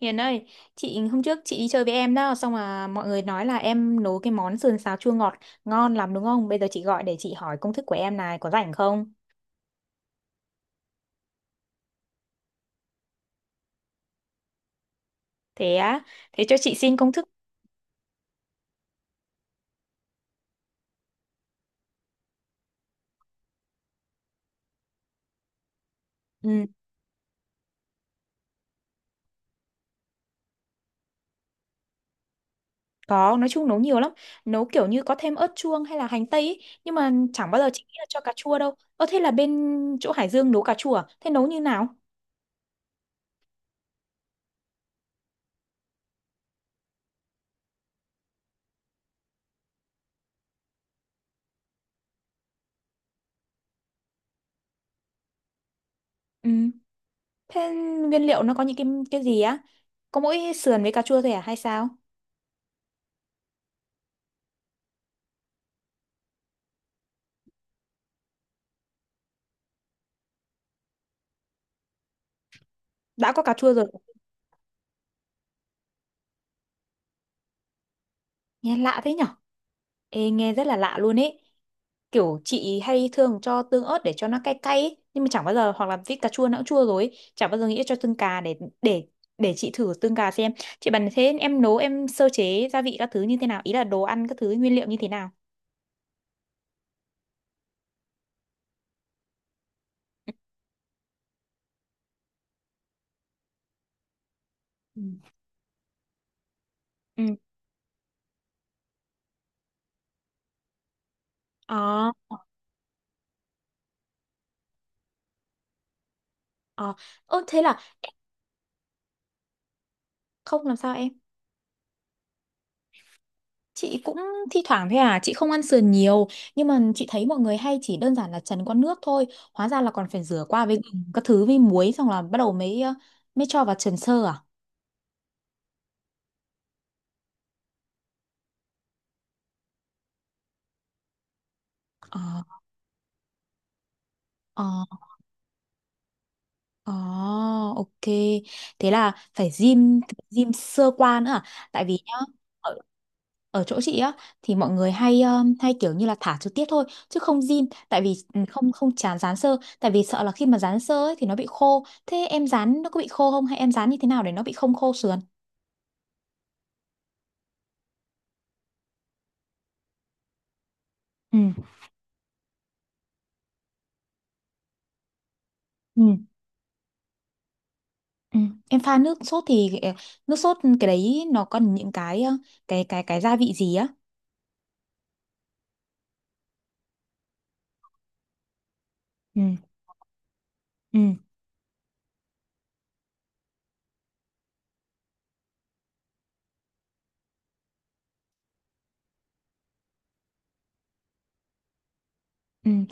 Hiền ơi, chị hôm trước chị đi chơi với em đó, xong mà mọi người nói là em nấu cái món sườn xào chua ngọt ngon lắm đúng không? Bây giờ chị gọi để chị hỏi công thức của em này, có rảnh không? Thế á, thế cho chị xin công thức. Ừ, có, nói chung nấu nhiều lắm. Nấu kiểu như có thêm ớt chuông hay là hành tây ý, nhưng mà chẳng bao giờ chị nghĩ là cho cà chua đâu. Ơ thế là bên chỗ Hải Dương nấu cà chua à? Thế nấu như nào? Ừ, thế nguyên liệu nó có những cái gì á? Có mỗi sườn với cà chua thôi à hay sao? Đã có cà chua rồi. Nghe lạ thế nhở. Ê, nghe rất là lạ luôn ấy, kiểu chị hay thường cho tương ớt để cho nó cay cay ấy, nhưng mà chẳng bao giờ, hoặc là vít cà chua nó cũng chua rồi ấy, chẳng bao giờ nghĩ cho tương cà để để chị thử tương cà xem. Chị bảo, thế em nấu, em sơ chế gia vị các thứ như thế nào, ý là đồ ăn các thứ nguyên liệu như thế nào? Ừ. Ừ. Ờ. Ờ. Ơ, thế là không làm sao em? Chị cũng thi thoảng thôi à, chị không ăn sườn nhiều, nhưng mà chị thấy mọi người hay chỉ đơn giản là chần qua nước thôi, hóa ra là còn phải rửa qua với gừng, các thứ với muối, xong là bắt đầu mới mới cho vào trần sơ à? Ờ. Ờ. Ồ, ok. Thế là phải gym, gym sơ qua nữa à? Tại vì nhá, ở, ở chỗ chị á thì mọi người hay hay kiểu như là thả trực tiếp thôi chứ không gym, tại vì ừ, không không chán dán sơ, tại vì sợ là khi mà dán sơ ấy thì nó bị khô. Thế em dán nó có bị khô không, hay em dán như thế nào để nó bị không khô sườn? Ừ. Ừ. Ừ. Em pha nước sốt thì nước sốt cái đấy nó còn những cái cái gia vị gì á? Ừ. Ừ. Ừ.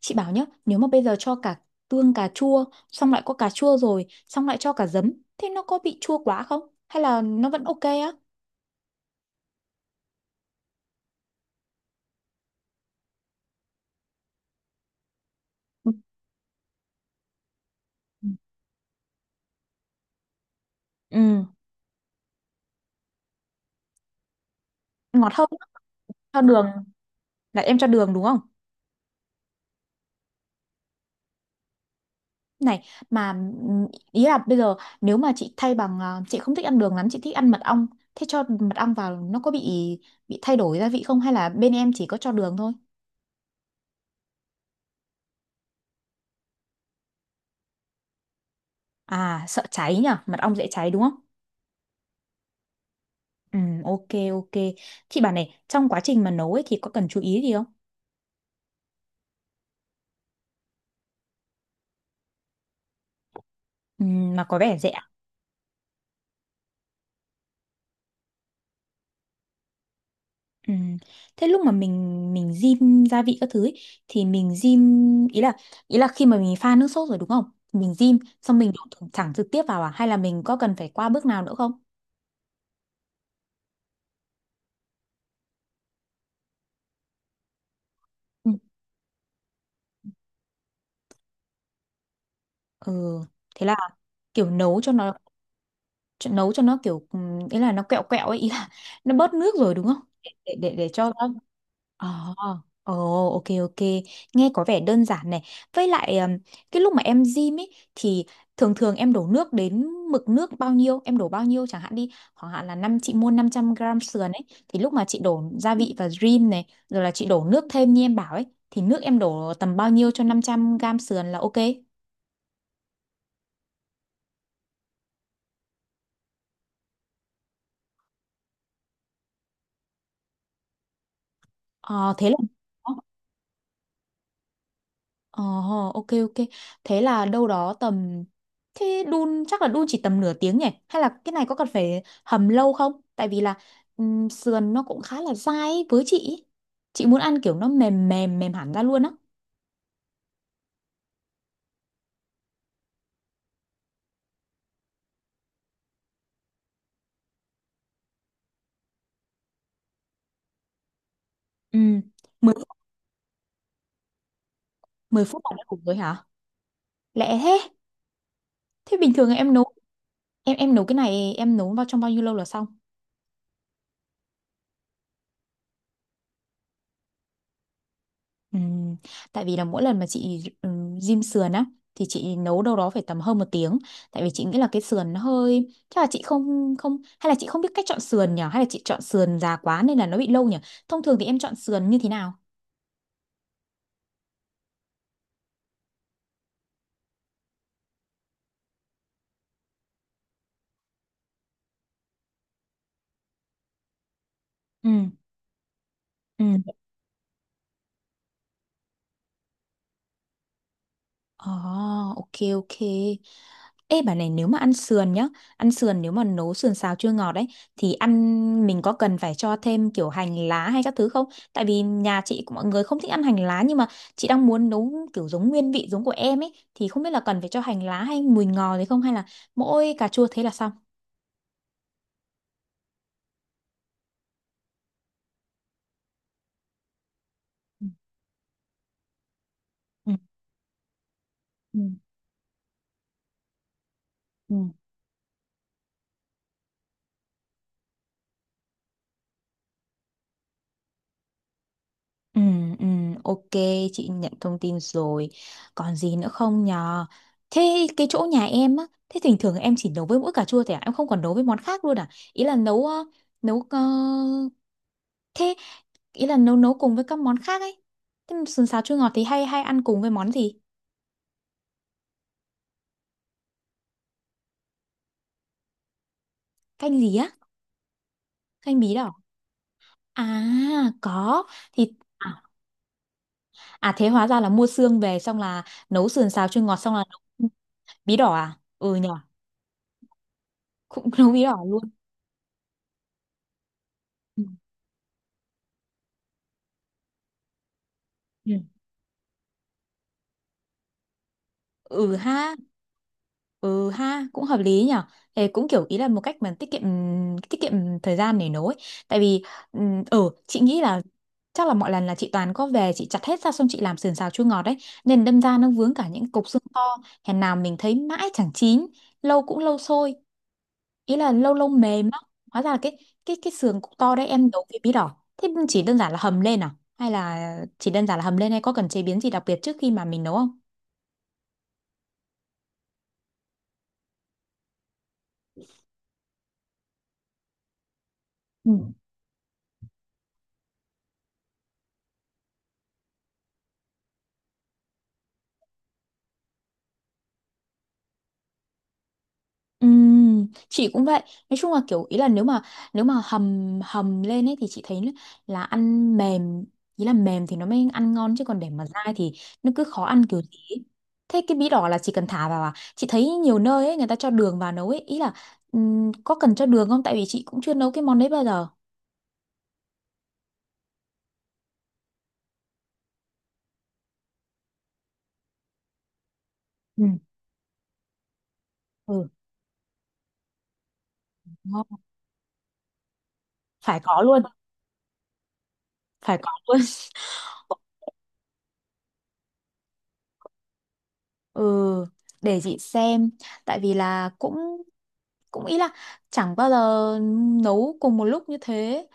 Chị bảo nhá, nếu mà bây giờ cho cả tương cà chua, xong lại có cà chua rồi, xong lại cho cả giấm, thế nó có bị chua quá không? Hay là nó vẫn ok á? Ừ. Ừ, ngọt hơn, cho đường, là em cho đường đúng không? Này, mà ừm, ý là bây giờ nếu mà chị thay bằng, à, chị không thích ăn đường lắm, chị thích ăn mật ong, thế cho mật ong vào nó có bị thay đổi gia vị không? Hay là bên em chỉ có cho đường thôi? À, sợ cháy nhỉ, mật ong dễ cháy đúng không? Ừ, ok, ok. Chị bảo này, trong quá trình mà nấu ấy thì có cần chú ý gì không? Ừ, mà có vẻ rẻ. Ừ. Thế lúc mà mình rim gia vị các thứ ấy, thì mình rim, ý là, ý là khi mà mình pha nước sốt rồi đúng không? Mình rim xong mình đổ thẳng thẳng trực tiếp vào à, hay là mình có cần phải qua bước nào nữa không? Ừ. Ừ. Thế là kiểu nấu cho nó, nấu cho nó kiểu ừ, ý là nó quẹo quẹo ấy, ý là nó bớt nước rồi đúng không? Để cho nó. Ờ, ồ, ok ok, nghe có vẻ đơn giản này. Với lại cái lúc mà em gym ấy thì thường thường em đổ nước đến mực nước bao nhiêu, em đổ bao nhiêu chẳng hạn đi, khoảng hạn là năm, chị mua 500 gram sườn ấy, thì lúc mà chị đổ gia vị và rim này rồi là chị đổ nước thêm như em bảo ấy, thì nước em đổ tầm bao nhiêu cho 500 gram sườn là ok. Ờ thế là. Ờ, ok ok. Thế là đâu đó tầm, thế đun chắc là đun chỉ tầm nửa tiếng nhỉ? Hay là cái này có cần phải hầm lâu không? Tại vì là sườn nó cũng khá là dai ấy, với chị ý. Chị muốn ăn kiểu nó mềm mềm mềm hẳn ra luôn á. Ừ, mười mười phút là đã đủ rồi hả? Lẹ thế. Thế bình thường em nấu, em nấu cái này em nấu vào trong bao nhiêu lâu là xong? Ừm, tại vì là mỗi lần mà chị rim sườn á thì chị nấu đâu đó phải tầm hơn 1 tiếng, tại vì chị nghĩ là cái sườn nó hơi, chắc là chị không không hay là chị không biết cách chọn sườn nhỉ, hay là chị chọn sườn già quá nên là nó bị lâu nhỉ. Thông thường thì em chọn sườn như thế nào? Ừ, ừ. Ồ, ok ok. Ê bà này, nếu mà ăn sườn nhá, ăn sườn nếu mà nấu sườn xào chua ngọt đấy, thì ăn, mình có cần phải cho thêm kiểu hành lá hay các thứ không? Tại vì nhà chị cũng- mọi người không thích ăn hành lá, nhưng mà chị đang muốn nấu kiểu giống nguyên vị giống của em ấy, thì không biết là cần phải cho hành lá hay mùi ngò gì không, hay là mỗi cà chua thế là xong. Ừ, ừ, ừ. Ừ, ừ, ok, chị nhận thông tin rồi. Còn gì nữa không nhờ? Thế cái chỗ nhà em á, thế thỉnh thường em chỉ nấu với mỗi cà chua thôi à? Em không còn nấu với món khác luôn à? Ý là nấu nấu thế, ý là nấu nấu cùng với các món khác ấy. Thế mà sườn xào chua ngọt thì hay hay ăn cùng với món gì? Canh gì á? Canh bí đỏ. À, có. Thì à, à thế hóa ra là mua xương về xong là nấu sườn xào chua ngọt, xong là nấu bí đỏ à? Ừ nhờ, cũng nấu bí đỏ luôn. Ừ. Ừ. Ừ ha. Ừ ha, cũng hợp lý nhở. Thế cũng kiểu, ý là một cách mà tiết kiệm thời gian để nấu ấy, tại vì ừ chị nghĩ là chắc là mọi lần là chị toàn có về chị chặt hết ra xong chị làm sườn xào chua ngọt đấy, nên đâm ra nó vướng cả những cục xương to, hèn nào mình thấy mãi chẳng chín, lâu cũng lâu sôi, ý là lâu lâu mềm lắm. Hóa ra là cái, cái sườn cục to đấy em nấu với bí đỏ, thế chỉ đơn giản là hầm lên à, hay là chỉ đơn giản là hầm lên hay có cần chế biến gì đặc biệt trước khi mà mình nấu không? Chị cũng vậy, nói chung là kiểu, ý là nếu mà, nếu mà hầm, hầm lên ấy thì chị thấy là ăn mềm, ý là mềm thì nó mới ăn ngon, chứ còn để mà dai thì nó cứ khó ăn kiểu gì ấy. Thế cái bí đỏ là chỉ cần thả vào à? Chị thấy nhiều nơi ấy người ta cho đường vào nấu ấy, ý là có cần cho đường không, tại vì chị cũng chưa nấu cái món đấy bao giờ. Ừ. Ừ. Ngon, phải có luôn, phải có luôn. Ừ, để chị xem, tại vì là cũng, cũng ý là chẳng bao giờ nấu cùng một lúc như thế,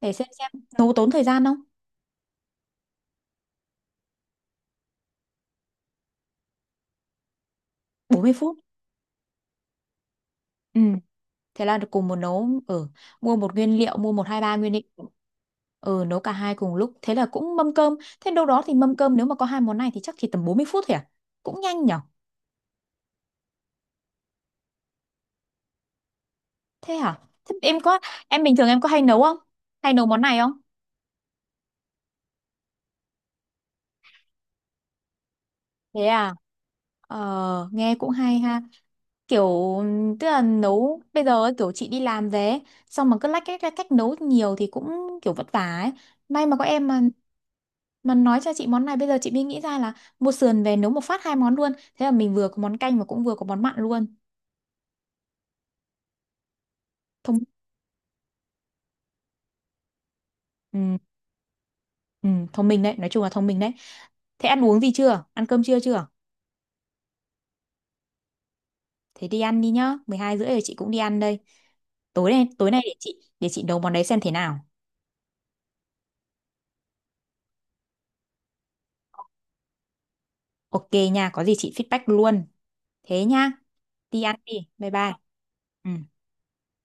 để xem nấu tốn thời gian không. 40 phút. Ừ, thế là cùng một nấu ở, mua một nguyên liệu, mua một hai ba nguyên liệu. Ừ, nấu cả hai cùng lúc, thế là cũng mâm cơm, thế đâu đó thì mâm cơm nếu mà có hai món này thì chắc chỉ tầm 40 phút thôi à? Cũng nhanh nhở. Thế hả? Thế em có, em bình thường em có hay nấu không, hay nấu món này không? Thế à? Ờ, nghe cũng hay ha, kiểu tức là nấu bây giờ ấy, kiểu chị đi làm về ấy, xong mà cứ lách cách nấu nhiều thì cũng kiểu vất vả ấy, may mà có em mà. Mà nói cho chị món này, bây giờ chị mới nghĩ ra là mua sườn về nấu một phát hai món luôn. Thế là mình vừa có món canh và cũng vừa có món mặn luôn. Thông, ừ, ừ, thông minh đấy, nói chung là thông minh đấy. Thế ăn uống gì chưa? Ăn cơm trưa chưa? Thế đi ăn đi nhá, 12 rưỡi rồi, chị cũng đi ăn đây. Tối nay để chị nấu món đấy xem thế nào. Ok nha, có gì chị feedback luôn. Thế nha, đi ăn đi. Bye bye. Ừ.